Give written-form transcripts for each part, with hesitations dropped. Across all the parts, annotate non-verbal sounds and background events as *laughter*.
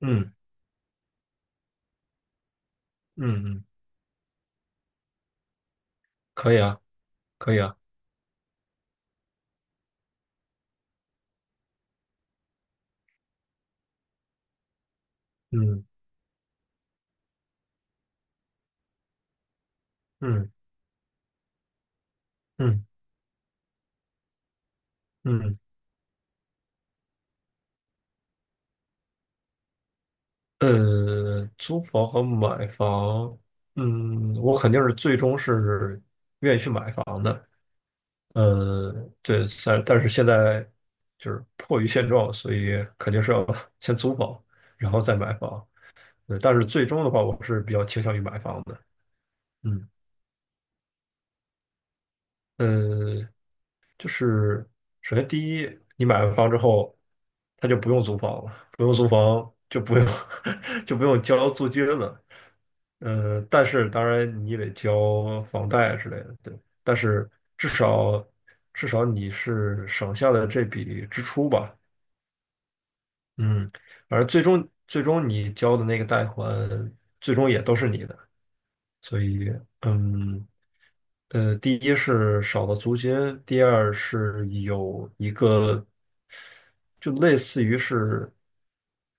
嗯嗯嗯，可以啊，可以啊，嗯嗯嗯嗯，租房和买房，嗯，我肯定是最终是愿意去买房的，呃，对，但是现在就是迫于现状，所以肯定是要 *laughs* 先租房，然后再买房，对，但是最终的话，我是比较倾向于买房的，嗯，呃就是首先第一，你买完房之后，他就不用租房了，不用租房就不用 *laughs* 就不用交租金了。但是当然你也得交房贷之类的，对。但是至少至少你是省下了这笔支出吧，嗯。而最终最终你交的那个贷款，最终也都是你的，所以嗯。第一是少了租金，第二是有一个就类似于是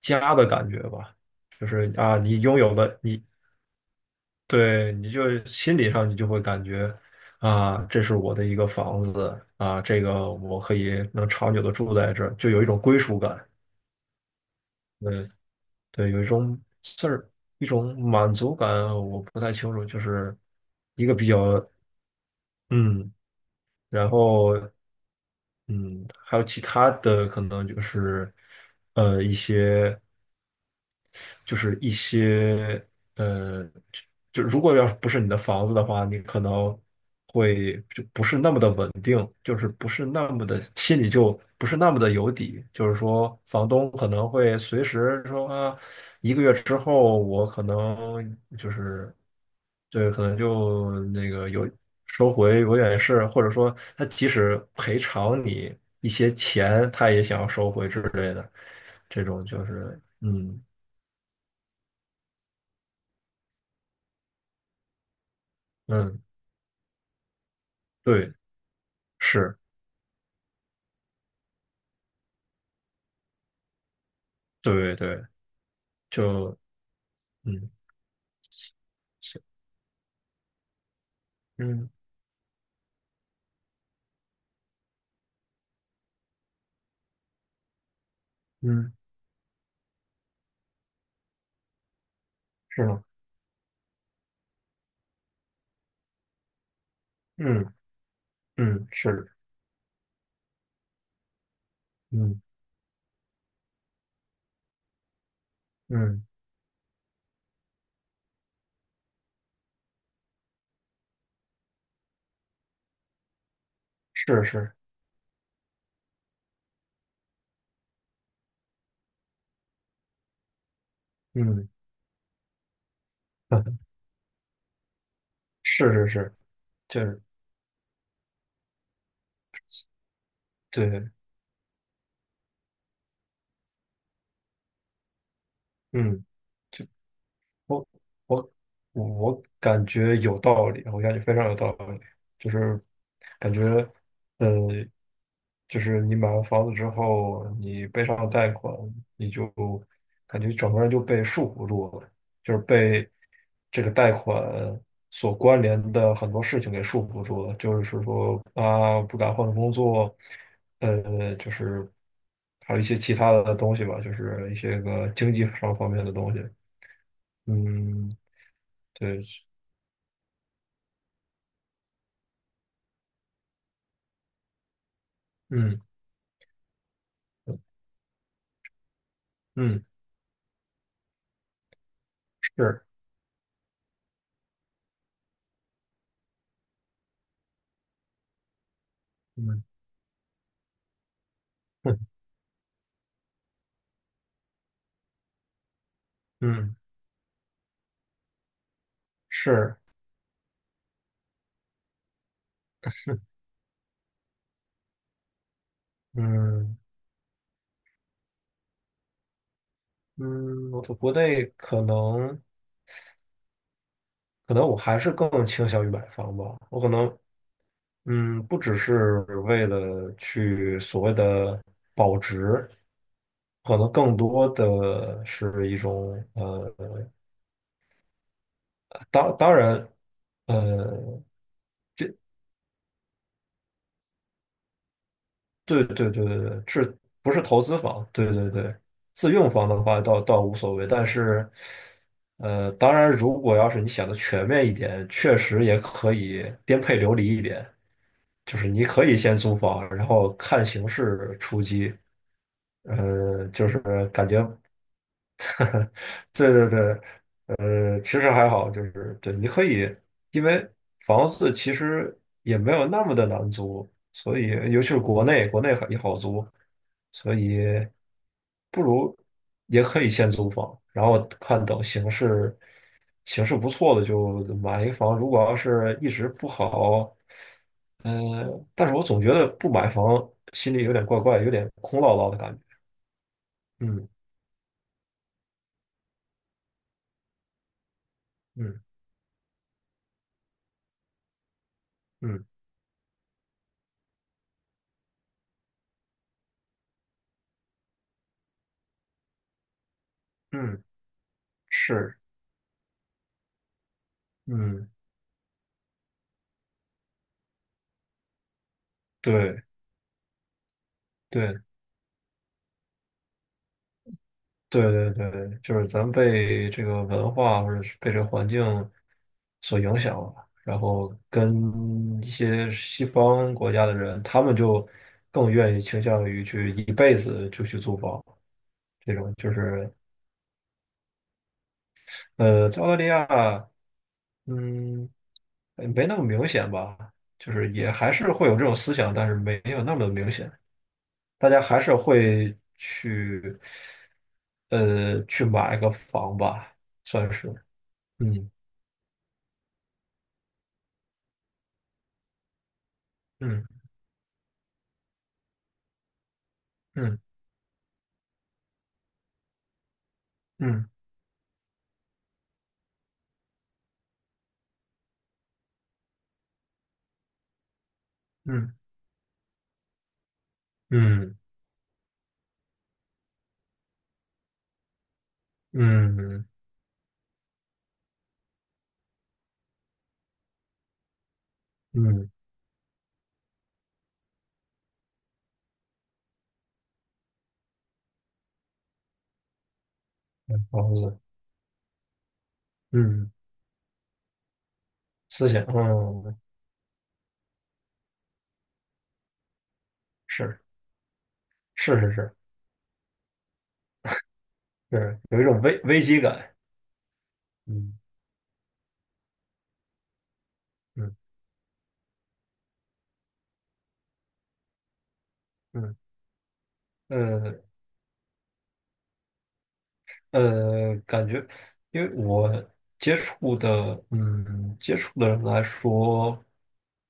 家的感觉吧，就是啊，你拥有了你，对，你就心理上你就会感觉啊，这是我的一个房子啊，这个我可以能长久的住在这儿，就有一种归属感，对对，有一种事儿，一种满足感，我不太清楚，就是一个比较嗯。然后嗯，还有其他的可能就是，一些，就是一些呃，就就如果要是不是你的房子的话，你可能会就不是那么的稳定，就是不是那么的心里就不是那么的有底，就是说房东可能会随时说啊，一个月之后我可能就是对，可能就那个有收回有点是或者说他即使赔偿你一些钱，他也想要收回之类的，这种就是嗯。嗯，对，是，对对，就嗯是嗯嗯是吗？嗯嗯是，嗯嗯是是，嗯 *laughs* 是是是，就是对，嗯，就我我我感觉有道理，我感觉非常有道理，就是感觉呃就是你买完房子之后，你背上贷款，你就感觉整个人就被束缚住了，就是被这个贷款所关联的很多事情给束缚住了。就是说啊，不敢换工作，就是还有一些其他的东西吧，就是一些个经济上方面的东西。嗯，对，嗯嗯是，嗯 *laughs* 嗯是，嗯嗯，我在国内可能。可能我还是更倾向于买房吧。我可能，嗯，不只是为了去所谓的保值，可能更多的是一种，当当然，呃，对对对对对，是不是投资房？对对对，自用房的话倒倒无所谓，但是，当然，如果要是你想的全面一点，确实也可以颠沛流离一点。就是你可以先租房，然后看形势出击。就是感觉，对对对，其实还好，就是对，你可以，因为房子其实也没有那么的难租，所以尤其是国内，国内很也好租，所以不如也可以先租房，然后看等形势，形势不错的就买一房，如果要是一直不好，但是我总觉得不买房心里有点怪怪，有点空落落的感觉，嗯嗯嗯。嗯，是，嗯，对，对，对，对，对，就是咱们被这个文化或者是被这个环境所影响了，然后跟一些西方国家的人，他们就更愿意倾向于去一辈子就去租房，这种就是在澳大利亚，嗯，没那么明显吧，就是也还是会有这种思想，但是没有那么明显。大家还是会去去买个房吧，算是，嗯嗯嗯嗯嗯嗯嗯嗯，房子，嗯，思想，嗯，是是是是，是有一种危危机感，嗯嗯嗯，呃。感觉，因为我接触的，嗯，接触的人来说，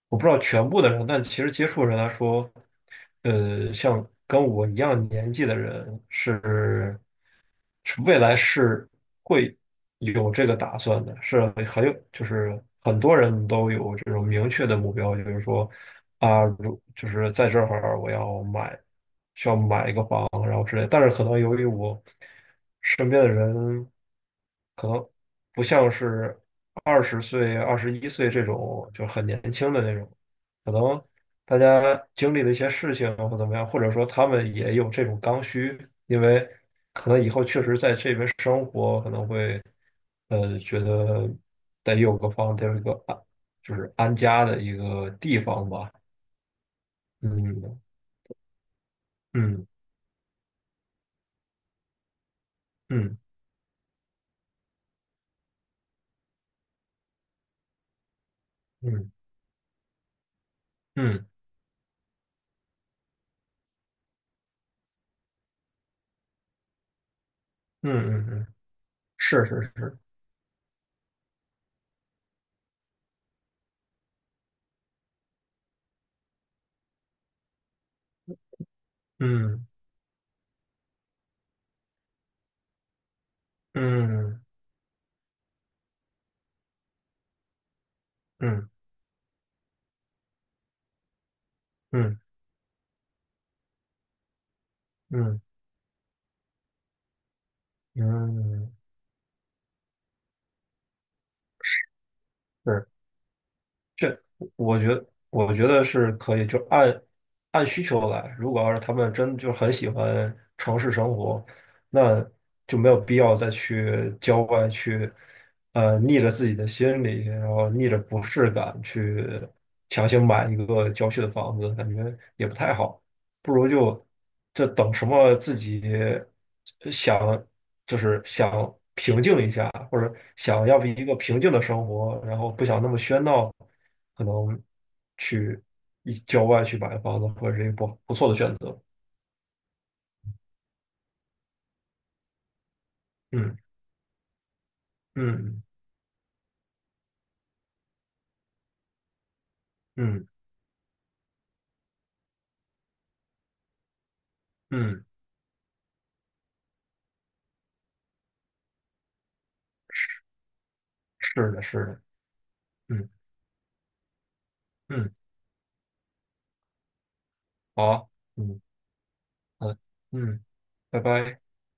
我不知道全部的人，但其实接触的人来说，像跟我一样年纪的人是，是未来是会有这个打算的，是很有，就是很多人都有这种明确的目标，就是说，啊，如就是在这会儿我要买。需要买一个房，然后之类的但是可能由于我身边的人可能不像是20岁、21岁这种就很年轻的那种，可能大家经历的一些事情或怎么样，或者说他们也有这种刚需，因为可能以后确实在这边生活，可能会觉得得有个房，得有一个安，就是安家的一个地方吧。嗯嗯嗯嗯嗯。嗯嗯嗯，是是是，嗯嗯嗯嗯嗯嗯，是这，我觉得是可以，就按按需求来。如果要是他们真就很喜欢城市生活，那就没有必要再去郊外去，逆着自己的心理，然后逆着不适感去强行买一个郊区的房子，感觉也不太好。不如就这等什么自己想，就是想平静一下，或者想要一个平静的生活，然后不想那么喧闹，可能去一郊外去买房子，或者是一个不不错的选择。嗯嗯嗯嗯，嗯是的，是的，嗯嗯，好啊嗯嗯嗯，拜拜。